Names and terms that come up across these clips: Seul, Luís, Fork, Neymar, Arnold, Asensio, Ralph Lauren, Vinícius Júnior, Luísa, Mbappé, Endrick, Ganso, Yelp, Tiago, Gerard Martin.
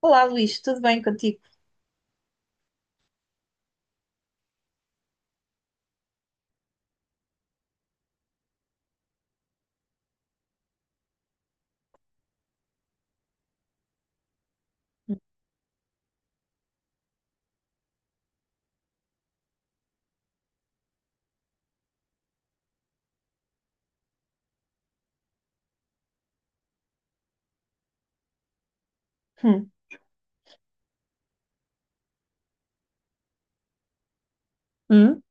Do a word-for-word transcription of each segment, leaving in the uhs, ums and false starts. Olá, Luís, tudo bem contigo? Hum. Hum?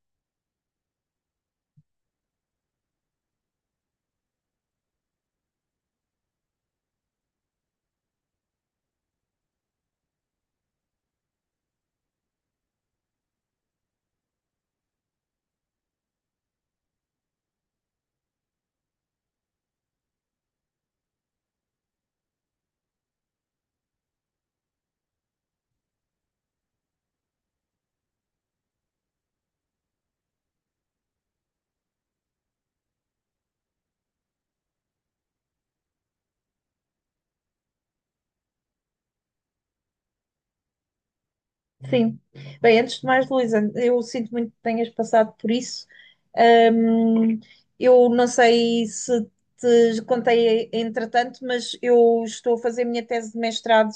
Sim. Bem, antes de mais, Luísa, eu sinto muito que tenhas passado por isso. Ahm, eu não sei se te contei entretanto, mas eu estou a fazer a minha tese de mestrado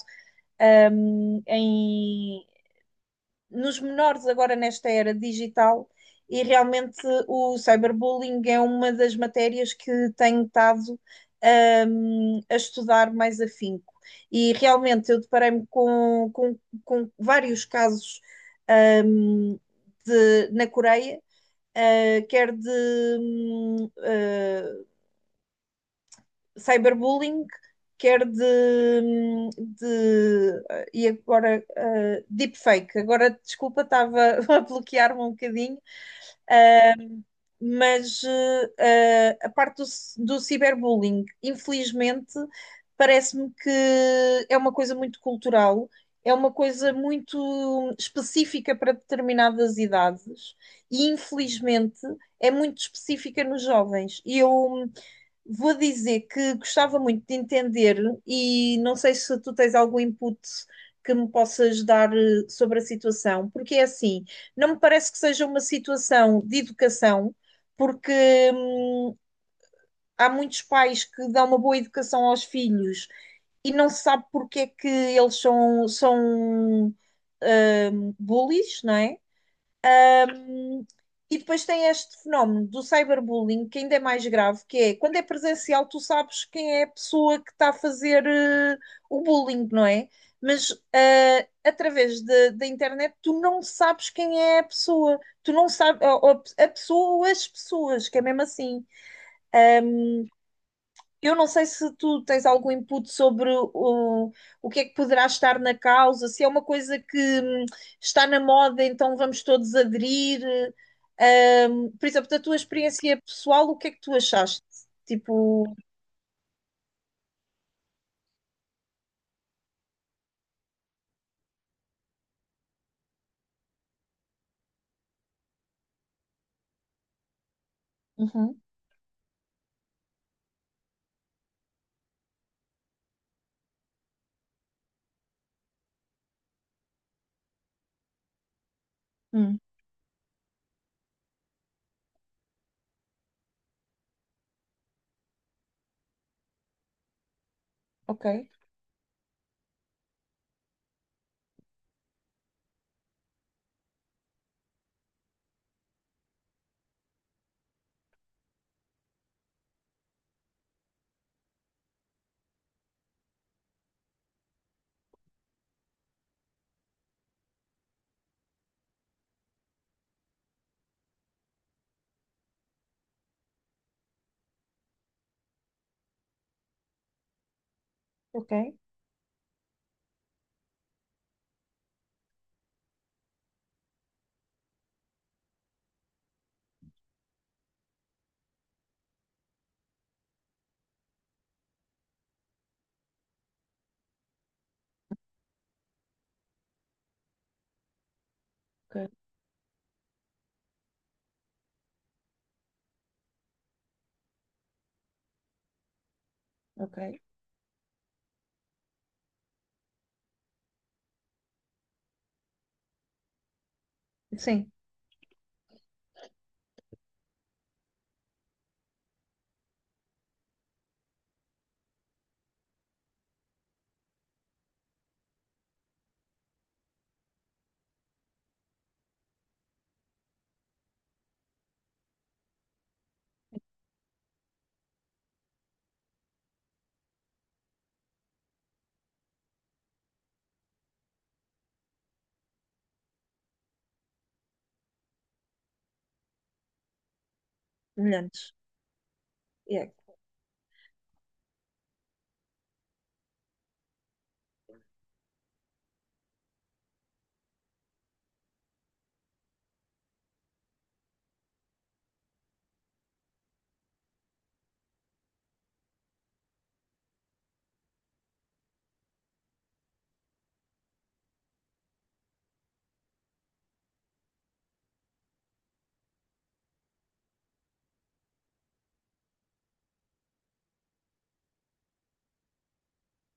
nos menores agora nesta era digital e realmente o cyberbullying é uma das matérias que tenho estado hum, a estudar mais afinco. E realmente eu deparei-me com, com, com vários casos hum, de, na Coreia, uh, quer de hum, uh, cyberbullying, quer de, de e agora uh, deepfake. Agora, desculpa, estava a bloquear-me um bocadinho, mas uh, a parte do, do cyberbullying, infelizmente, parece-me que é uma coisa muito cultural. É uma coisa muito específica para determinadas idades e, infelizmente, é muito específica nos jovens. E eu vou dizer que gostava muito de entender e não sei se tu tens algum input que me possas dar eh, sobre a situação, porque é assim, não me parece que seja uma situação de educação, porque hum, há muitos pais que dão uma boa educação aos filhos e não se sabe porque é que eles são, são hum, bullies, não é? E depois tem este fenómeno do cyberbullying, que ainda é mais grave, que é quando é presencial, tu sabes quem é a pessoa que está a fazer eh, o bullying, não é? Mas eh, através de- da internet, tu não sabes quem é a pessoa, tu não sabes, ou- ou a pessoa ou as pessoas, que é mesmo assim. Eu não sei se tu tens algum input sobre o, o que é que poderá estar na causa, se é uma coisa que hum, está na moda, então vamos todos aderir. Hum, por exemplo, da tua experiência pessoal, o que é que tu achaste? Tipo. Uhum. Hum. Ok. Ok. Ok. Ok. Sim. Semelhantes. Yeah.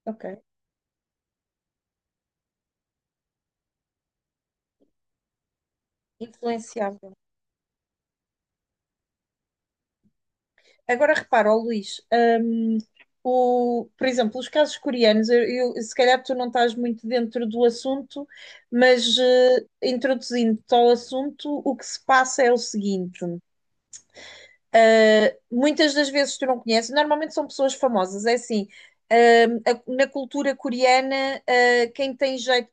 Ok. Influenciável. Agora repara, ó Luís, hum, o, por exemplo, os casos coreanos, eu, eu- se calhar tu não estás muito dentro do assunto, mas eh, introduzindo-te ao assunto, o que se passa é o seguinte. Uh, muitas das vezes tu não conheces, normalmente são pessoas famosas, é assim. Uh, a- na cultura coreana, uh, quem tem jeito,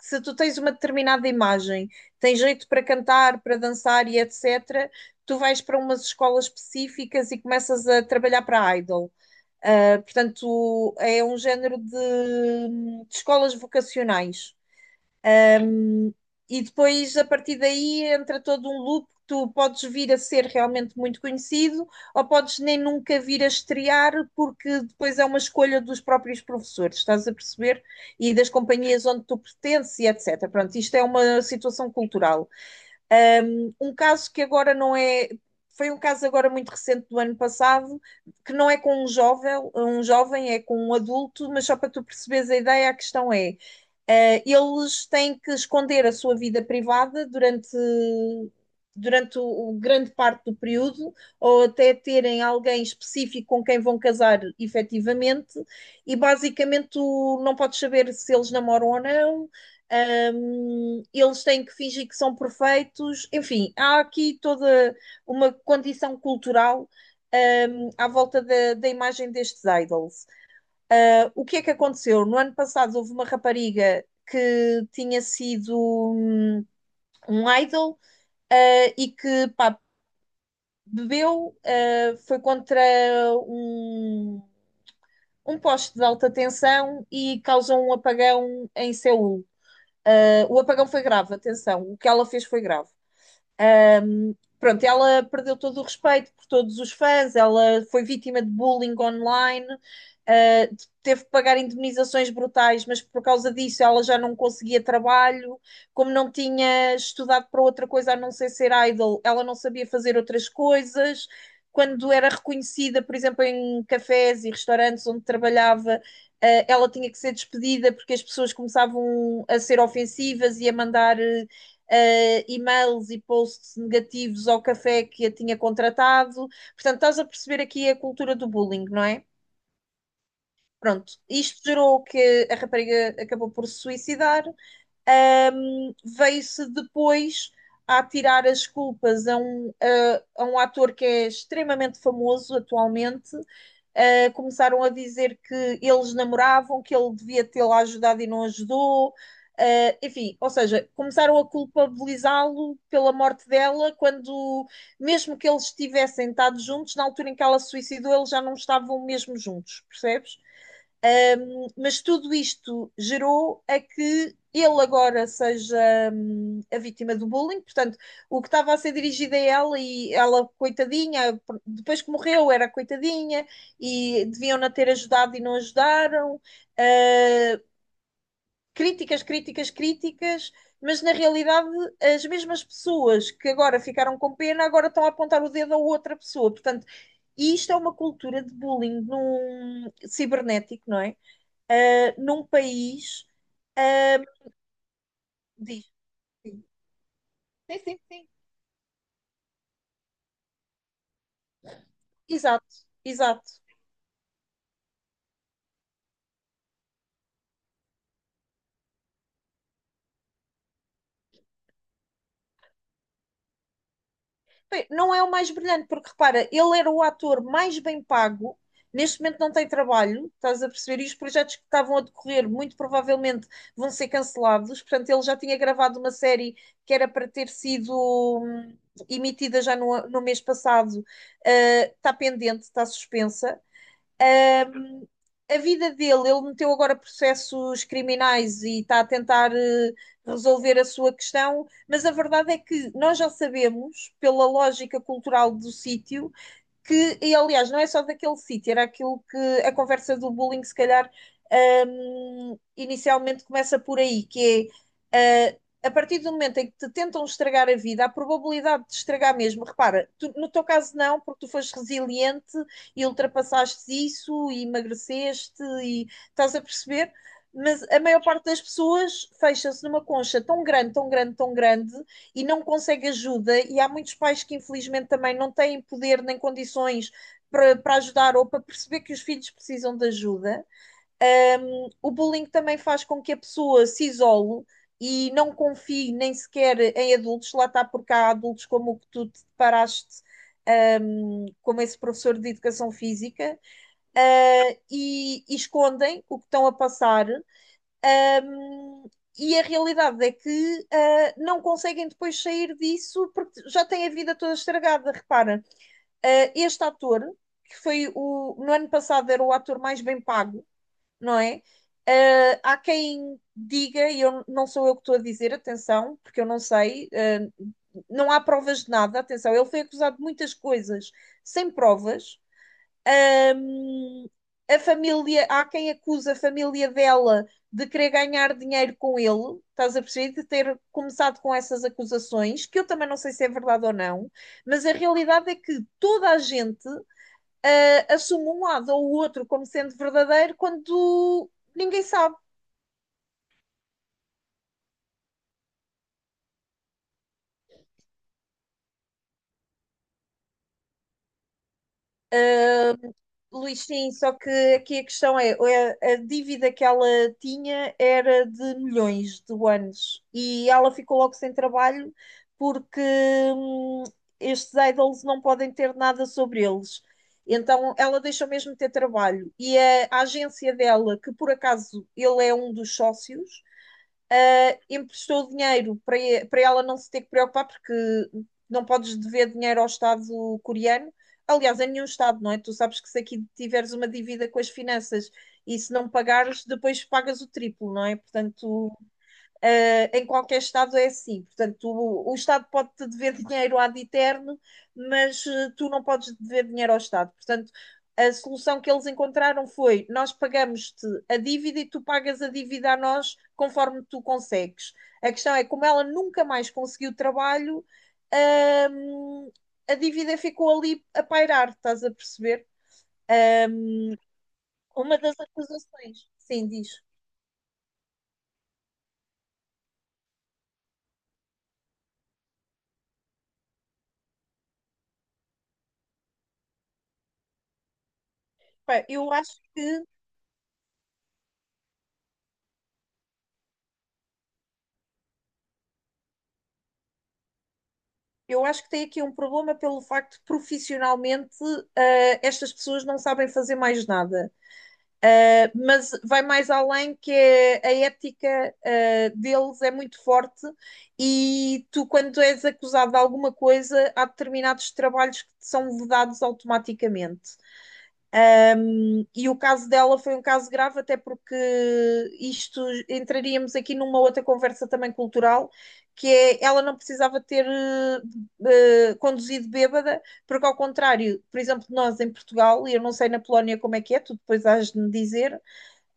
se tu tens uma determinada imagem, tem jeito para cantar, para dançar e etcétera, tu vais para umas escolas específicas e começas a trabalhar para idol. Uh, portanto, é um género de, de escolas vocacionais e depois a partir daí entra todo um loop que tu podes vir a ser realmente muito conhecido ou podes nem nunca vir a estrear porque depois é uma escolha dos próprios professores, estás a perceber? E das companhias onde tu pertences e etcétera. Pronto, isto é uma situação cultural. Um, um caso que agora não é foi um caso agora muito recente do ano passado, que não é com um jovem, um jovem é com um adulto, mas só para tu perceberes a ideia, a questão é, eh, eles têm que esconder a sua vida privada durante, durante o, o grande parte do período, ou até terem alguém específico com quem vão casar efetivamente, e basicamente tu não podes saber se eles namoram ou não. Ahm, eles têm que fingir que são perfeitos, enfim, há aqui toda uma condição cultural, ahm, à volta da, da imagem destes idols. O que é que aconteceu? No ano passado houve uma rapariga que tinha sido um, um idol eh, e que pá, bebeu, eh, foi contra um, um poste de alta tensão e causou um apagão em Seul. Eh, o apagão foi grave, atenção, o que ela fez foi grave. Um, pronto, ela perdeu todo o respeito por todos os fãs, ela foi vítima de bullying online, uh, teve que pagar indemnizações brutais, mas por causa disso ela já não conseguia trabalho, como não tinha estudado para outra coisa a não ser ser idol, ela não sabia fazer outras coisas. Quando era reconhecida, por exemplo, em cafés e restaurantes onde trabalhava, ah, ela tinha que ser despedida porque as pessoas começavam a ser ofensivas e a mandar uh, e-mails e posts negativos ao café que a tinha contratado. Portanto, estás a perceber aqui a cultura do bullying, não é? Pronto, isto gerou que a rapariga acabou por se suicidar. Um, Veio-se depois a tirar as culpas a um, a, a um ator que é extremamente famoso atualmente. Uh, começaram a dizer que eles namoravam, que ele devia tê-la ajudado e não ajudou. Uh, enfim, ou seja, começaram a culpabilizá-lo pela morte dela, quando, mesmo que eles tivessem estado juntos, na altura em que ela se suicidou, eles já não estavam mesmo juntos, percebes? Um, mas tudo isto gerou a que ele agora seja hum, a vítima do bullying, portanto, o que estava a ser dirigido a ela e ela, coitadinha, depois que morreu, era coitadinha e deviam-na ter ajudado e não ajudaram. Uh, Críticas, críticas, críticas, mas na realidade as mesmas pessoas que agora ficaram com pena agora estão a apontar o dedo a outra pessoa, portanto. E isto é uma cultura de bullying num cibernético, não é? Num país. ah, Diz. Sim. Sim, sim, sim. Exato, exato. Bem, não é o mais brilhante, porque repara, ele era o ator mais bem pago, neste momento não tem trabalho, estás a perceber? E os projetos que estavam a decorrer muito provavelmente vão ser cancelados. Portanto, ele já tinha gravado uma série que era para ter sido hum, emitida já no, no mês passado, eh, está pendente, está suspensa. Ahm, a vida dele, ele meteu agora processos criminais e está a tentar eh, resolver a sua questão, mas a verdade é que nós já sabemos, pela lógica cultural do sítio, que, e aliás, não é só daquele sítio, era aquilo que a conversa do bullying, se calhar, hum, inicialmente começa por aí, que é. Uh, a partir do momento em que te tentam estragar a vida, a probabilidade de estragar mesmo, repara, tu- no teu caso não, porque tu foste resiliente e ultrapassaste isso e emagreceste e estás a perceber, mas a maior parte das pessoas fecha-se numa concha tão grande, tão grande, tão grande, e não consegue ajuda, e há muitos pais que infelizmente também não têm poder nem condições para, para ajudar ou para perceber que os filhos precisam de ajuda. O bullying também faz com que a pessoa se isole e não confie nem sequer em adultos, lá está porque há adultos como o que tu te deparaste um, como esse professor de educação física, uh, e, e, escondem o que estão a passar, um, e a realidade é que uh, não conseguem depois sair disso porque já têm a vida toda estragada. Repara, uh, este ator, que foi o. No ano passado era o ator mais bem pago, não é? Uh, há quem diga, e eu, não sou eu que estou a dizer, atenção, porque eu não sei, uh, não há provas de nada, atenção, ele foi acusado de muitas coisas sem provas. Ahm, a família, há quem acusa a família dela de querer ganhar dinheiro com ele, estás a perceber? De ter começado com essas acusações, que eu também não sei se é verdade ou não, mas a realidade é que toda a gente ah, assume um lado ou o outro como sendo verdadeiro quando ninguém sabe. Luís, sim, só que aqui a questão é, a, a dívida que ela tinha era de milhões de anos e ela ficou logo sem trabalho porque hum, estes idols não podem ter nada sobre eles. Então ela deixou mesmo de ter trabalho. E a, a agência dela, que por acaso ele é um dos sócios, ah, emprestou dinheiro para, para ela não se ter que preocupar, porque não podes dever dinheiro ao Estado coreano. Aliás, a nenhum Estado, não é? Tu sabes que se aqui tiveres uma dívida com as finanças e se não pagares, depois pagas o triplo, não é? Portanto, Uh, em qualquer Estado é assim. Portanto, o, o Estado pode-te dever dinheiro ad eterno, mas uh, tu não podes dever dinheiro ao Estado. Portanto, a solução que eles encontraram foi: nós pagamos-te a dívida e tu pagas a dívida a nós conforme tu consegues. A questão é, como ela nunca mais conseguiu trabalho, uh, a dívida ficou ali a pairar, estás a perceber? Uh, uma das acusações, sim, diz. Eu acho que Eu acho que tem aqui um problema pelo facto de profissionalmente eh, estas pessoas não sabem fazer mais nada. Eh, mas vai mais além que é a ética eh, deles é muito forte e tu, quando és acusado de alguma coisa, há determinados trabalhos que te são vedados automaticamente. Eh, e o caso dela foi um caso grave, até porque isto entraríamos aqui numa outra conversa também cultural, que é ela não precisava ter eh, conduzido bêbada, porque ao contrário, por exemplo, nós em Portugal, e eu não sei na Polónia como é que é, tu depois has de me dizer,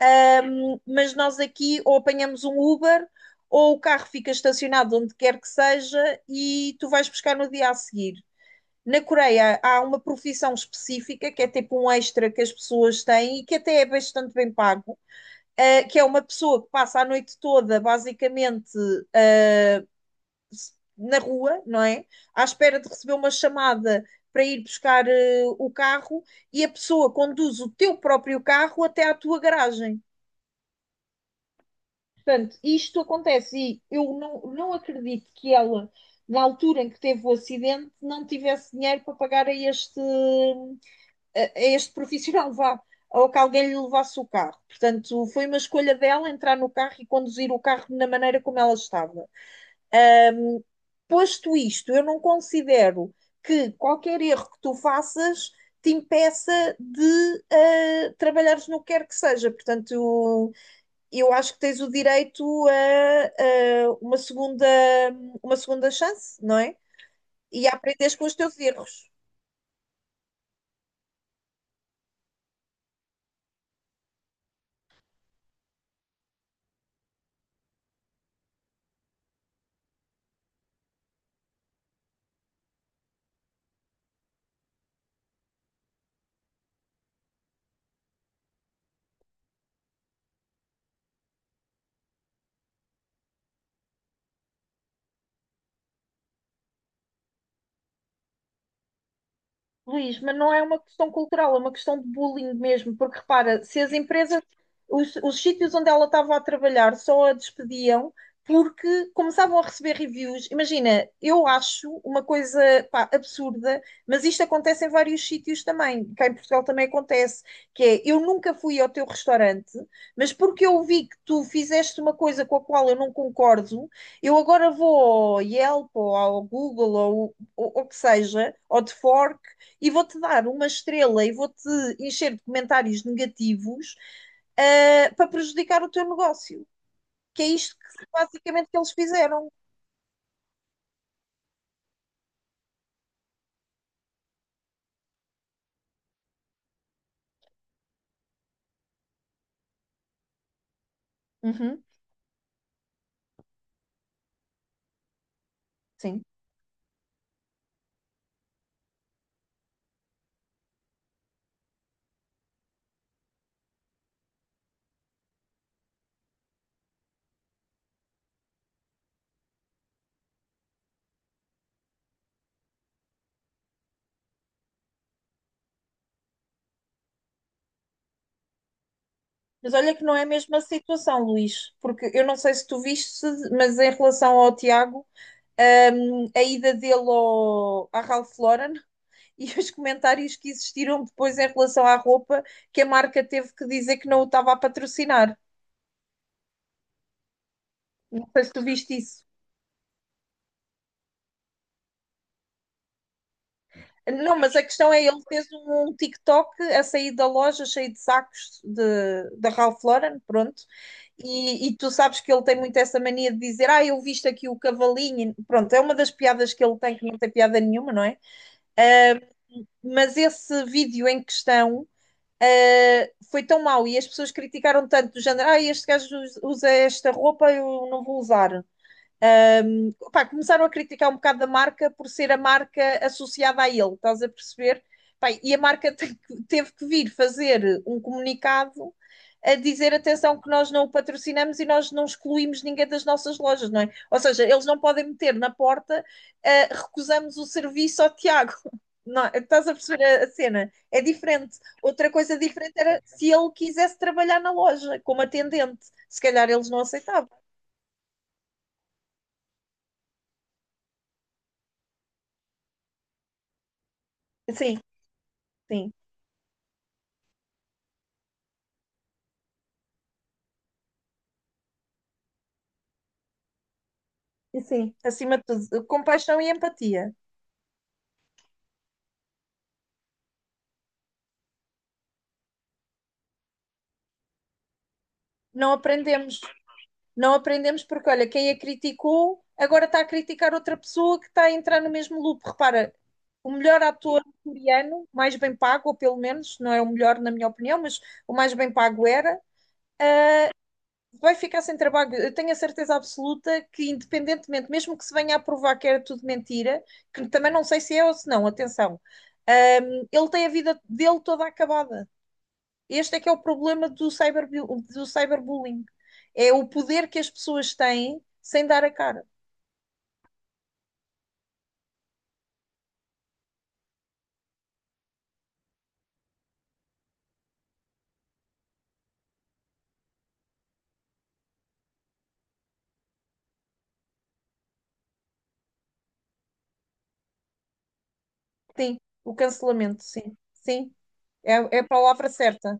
ahm, mas nós aqui ou apanhamos um Uber ou o carro fica estacionado onde quer que seja e tu vais buscar no dia a seguir. Na Coreia há uma profissão específica que é tipo um extra que as pessoas têm e que até é bastante bem pago, eh, que é uma pessoa que passa a noite toda basicamente eh, na rua, não é? À espera de receber uma chamada para ir buscar eh, o carro e a pessoa conduz o teu próprio carro até à tua garagem. Portanto, isto acontece e eu não, não acredito que ela, na altura em que teve o acidente, não tivesse dinheiro para pagar a este a, a este profissional, vá, ou que alguém lhe levasse o carro. Portanto, foi uma escolha dela entrar no carro e conduzir o carro na maneira como ela estava. Um, Posto isto, eu não considero que qualquer erro que tu faças te impeça de uh, trabalhares no que quer que seja. Portanto, eu acho que tens o direito a, a uma, segunda, uma segunda chance, não é? E a aprenderes com os teus erros. Luís, mas não é uma questão cultural, é uma questão de bullying mesmo, porque repara, se as empresas, os, os sítios onde ela estava a trabalhar só a despediam porque começavam a receber reviews. Imagina, eu acho uma coisa, pá, absurda, mas isto acontece em vários sítios também, cá em Portugal também acontece, que é, eu nunca fui ao teu restaurante, mas porque eu vi que tu fizeste uma coisa com a qual eu não concordo, eu agora vou ao Yelp ou ao Google ou ou- ou o que seja, ou de Fork, e vou-te dar uma estrela e vou-te encher de comentários negativos ah, para prejudicar o teu negócio. Que é isto que basicamente que eles fizeram. Uhum, sim. Mas olha que não é a mesma situação, Luís, porque eu não sei se tu viste, mas em relação ao Tiago, hum, a ida dele ao, à Ralph Lauren e os comentários que existiram depois em relação à roupa, que a marca teve que dizer que não o estava a patrocinar. Não sei se tu viste isso. Não, mas a questão é, ele fez um um TikTok a sair da loja cheio de sacos de, da Ralph Lauren, pronto. E, e tu sabes que ele tem muito essa mania de dizer, ah, eu visto aqui o cavalinho. Pronto, é uma das piadas que ele tem, que não tem piada nenhuma, não é? Ah, mas esse vídeo em questão, Uh, foi tão mau e as pessoas criticaram tanto do género, ah, este gajo usa esta roupa, eu não vou usar. Um, pá, começaram a criticar um bocado da marca por ser a marca associada a ele, estás a perceber? Pá, e a marca te- teve que vir fazer um comunicado a dizer atenção que nós não o patrocinamos e nós não excluímos ninguém das nossas lojas, não é? Ou seja, eles não podem meter na porta eh, recusamos o serviço ao Tiago. Não, estás a perceber a, a cena? É diferente. Outra coisa diferente era se ele quisesse trabalhar na loja como atendente. Se calhar eles não aceitavam. Sim, sim. E sim, acima de tudo, compaixão e empatia. Não aprendemos. Não aprendemos porque, olha, quem a criticou agora está a criticar outra pessoa que está a entrar no mesmo loop. Repara, o melhor ator coreano, mais bem pago, ou pelo menos, não é o melhor na minha opinião, mas o mais bem pago era, vai ficar sem trabalho. Eu tenho a certeza absoluta que, independentemente, mesmo que se venha a provar que era tudo mentira, que também não sei se é ou se não, atenção, hum, ele tem a vida dele toda acabada. Este é que é o problema do, cyber do cyberbullying. É o poder que as pessoas têm sem dar a cara. Sim, o cancelamento, sim. Sim, é, é a palavra certa.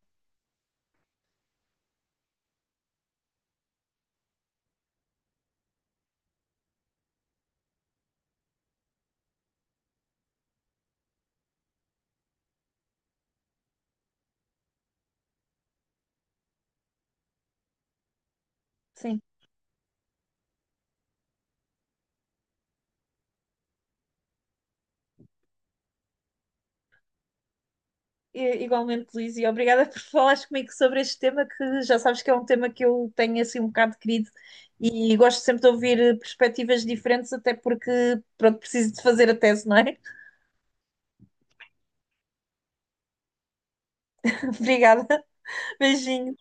Sim. E- igualmente, Luís, e obrigada por falares comigo sobre este tema, que já sabes que é um tema que eu tenho assim um bocado querido e gosto sempre de ouvir eh, perspectivas diferentes, até porque, pronto, preciso de fazer a tese, não é? Obrigada. Beijinho.